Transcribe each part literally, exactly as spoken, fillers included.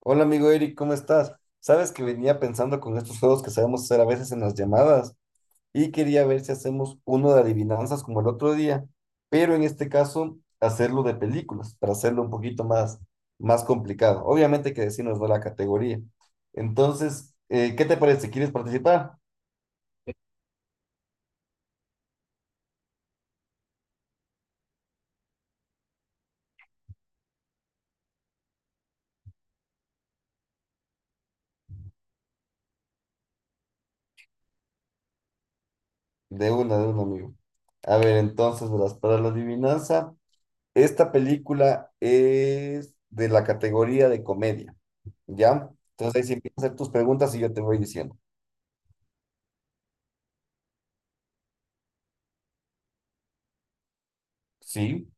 Hola amigo Eric, ¿cómo estás? Sabes que venía pensando con estos juegos que sabemos hacer a veces en las llamadas y quería ver si hacemos uno de adivinanzas como el otro día, pero en este caso hacerlo de películas para hacerlo un poquito más, más complicado. Obviamente que decirnos de la categoría. Entonces, eh, ¿qué te parece? ¿Quieres participar? De una, de un amigo. A ver, entonces, verás, para la adivinanza, esta película es de la categoría de comedia. ¿Ya? Entonces ahí sí empiezas a hacer tus preguntas y yo te voy diciendo. Sí,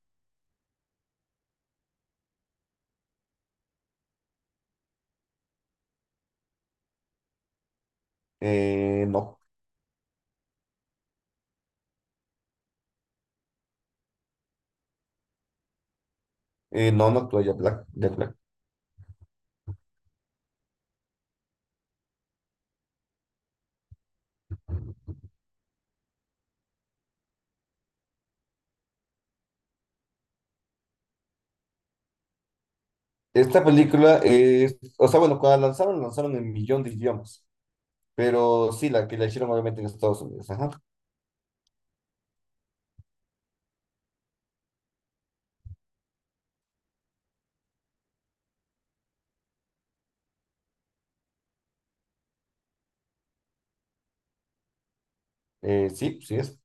eh, no, eh, no, no actúa Jack Black, Jack Black. Esta película es, o sea, bueno, cuando la lanzaron, la lanzaron en millón de idiomas, pero sí, la que la hicieron obviamente en Estados Unidos, ajá. Eh, sí, sí es.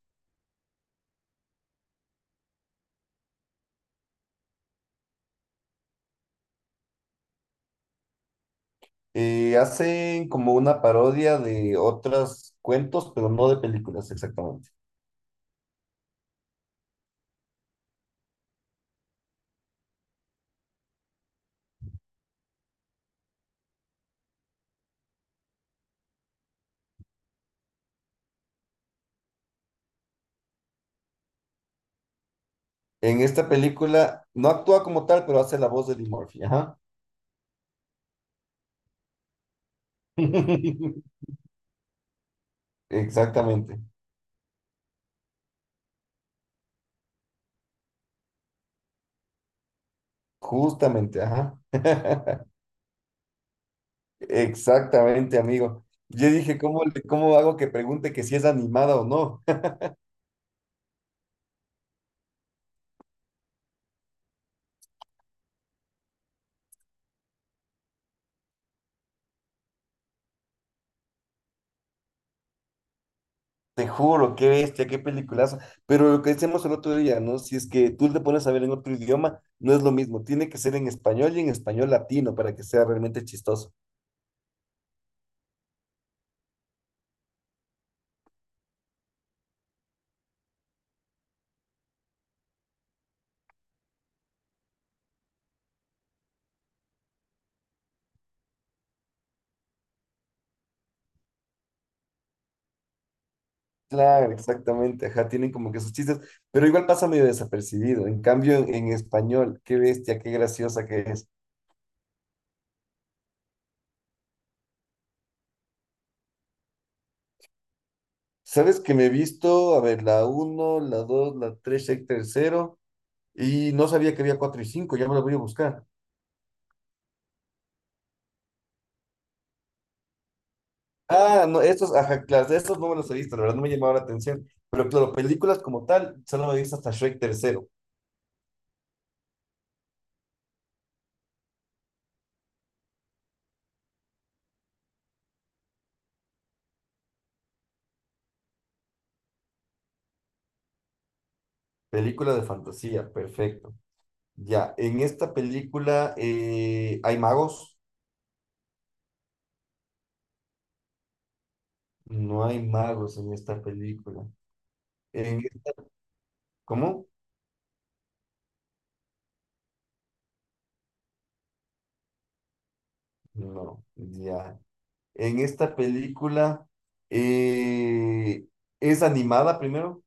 Eh, hacen como una parodia de otros cuentos, pero no de películas exactamente. En esta película no actúa como tal, pero hace la voz de Eddie Murphy, ajá. Exactamente, justamente, ajá. Exactamente, amigo. Yo dije, ¿cómo, le- cómo hago que pregunte que si es animada o no? Te juro, qué bestia, qué peliculazo. Pero lo que decíamos el otro día, ¿no? Si es que tú te pones a ver en otro idioma, no es lo mismo. Tiene que ser en español y en español latino para que sea realmente chistoso. Claro, exactamente. Ajá, tienen como que sus chistes, pero igual pasa medio desapercibido. En cambio, en, en español, qué bestia, qué graciosa que es. ¿Sabes que me he visto? A ver, la uno, la dos, la tres, el tercero. Y no sabía que había cuatro y cinco, ya me lo voy a buscar. Ah, no, estos, ajá, claro, de estos no me los he visto, la verdad no me llamaba la atención. Pero claro, películas como tal, solo me he visto hasta Shrek tercero. Película de fantasía, perfecto. Ya, en esta película eh, hay magos. No hay magos en esta película. En esta- ¿cómo? No, ya. En esta película eh, es animada primero.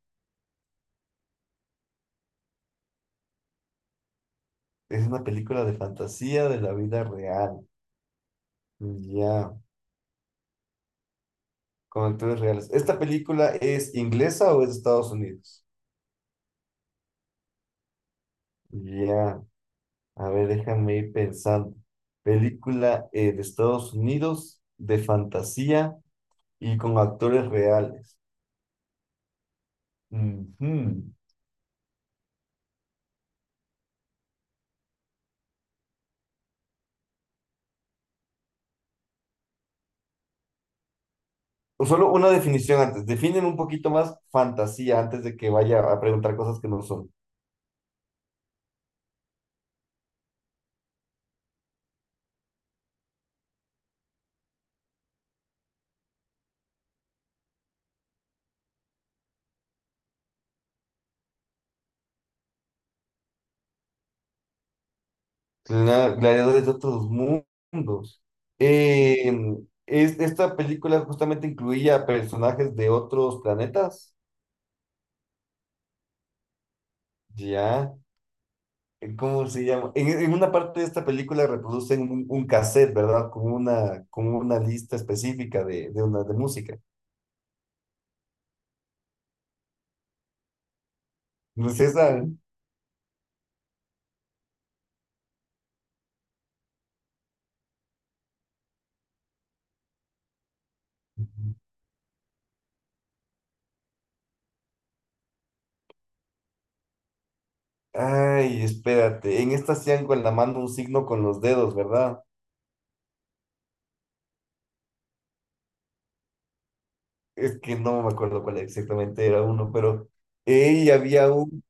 Es una película de fantasía de la vida real. Ya. Con actores reales. ¿Esta película es inglesa o es de Estados Unidos? Ya, a ver, déjame ir pensando. Película eh, de Estados Unidos, de fantasía y con actores reales. Ujú. Solo una definición antes. Definen un poquito más fantasía antes de que vaya a preguntar cosas que no son. Gla- Gladiadores de otros mundos. Eh, es, esta película justamente incluía personajes de otros planetas. Ya. eh, ¿Cómo se llama? En, en una parte de esta película reproducen un, un cassette, ¿verdad? Con una, con una lista específica de, de, una, de música. Pues esa, ay, espérate, en esta hacían con la mano un signo con los dedos, ¿verdad? Es que no me acuerdo cuál exactamente era uno, pero ella había un,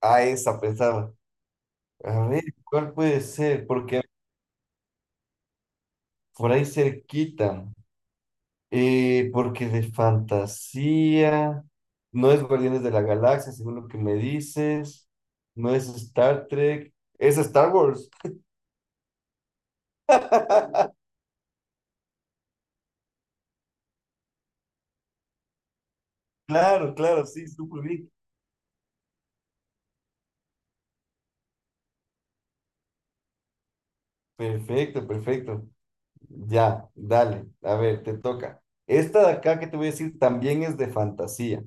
a esa pensaba, a ver, ¿cuál puede ser? Porque por ahí cerquita. Eh, porque de fantasía, no es Guardianes de la Galaxia, según lo que me dices, no es Star Trek, es Star Wars. Claro, claro, sí, súper bien. Perfecto, perfecto. Ya, dale, a ver, te toca. Esta de acá que te voy a decir también es de fantasía,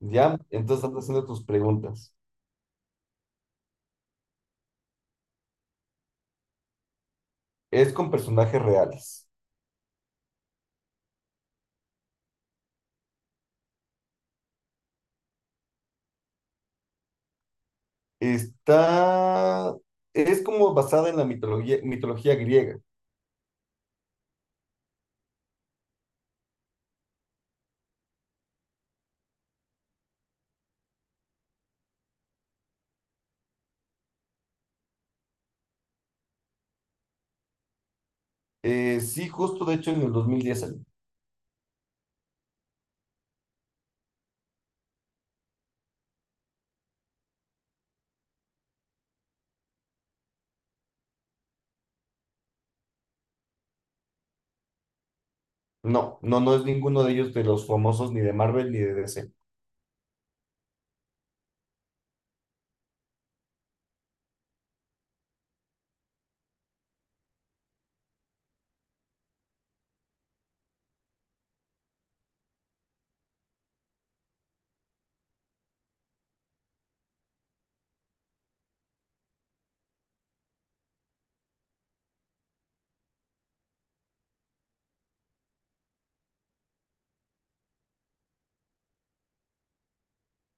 ¿ya? Entonces estás haciendo tus preguntas. Es con personajes reales. Está, es como basada en la mitología, mitología griega. Eh, sí, justo de hecho en el dos mil diez salió. No, no, no es ninguno de ellos de los famosos ni de Marvel ni de D C.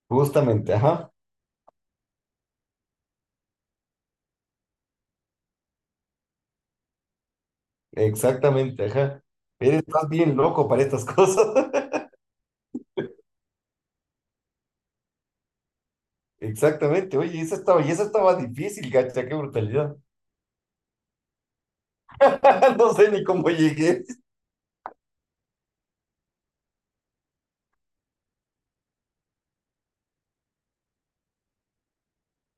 Justamente, ajá, exactamente, ajá. Eres estás bien loco para estas cosas. Exactamente, oye, esa estaba, y esa estaba difícil, gacha, qué brutalidad. No sé ni cómo llegué.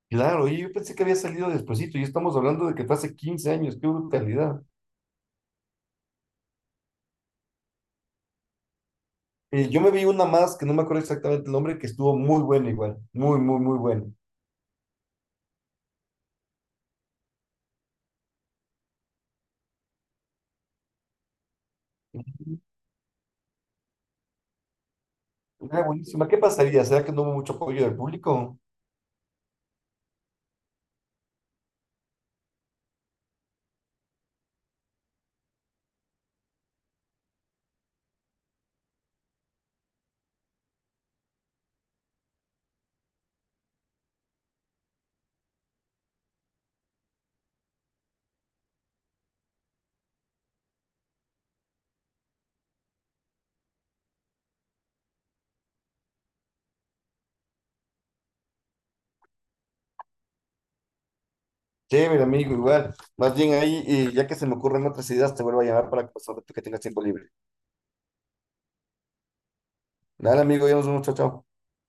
Claro, oye, yo pensé que había salido despuesito y estamos hablando de que fue hace quince años, qué brutalidad. Eh, yo me vi una más que no me acuerdo exactamente el nombre, que estuvo muy buena igual, muy, muy, muy buena. Ah, buenísima. ¿Qué pasaría? ¿Será que no hubo mucho apoyo del público? Chévere, amigo, igual. Más bien ahí, y ya que se me ocurren otras ideas, te vuelvo a llamar para que, pues, ahora tú que tengas tiempo libre. Dale, amigo, ya nos vemos, chao, chao.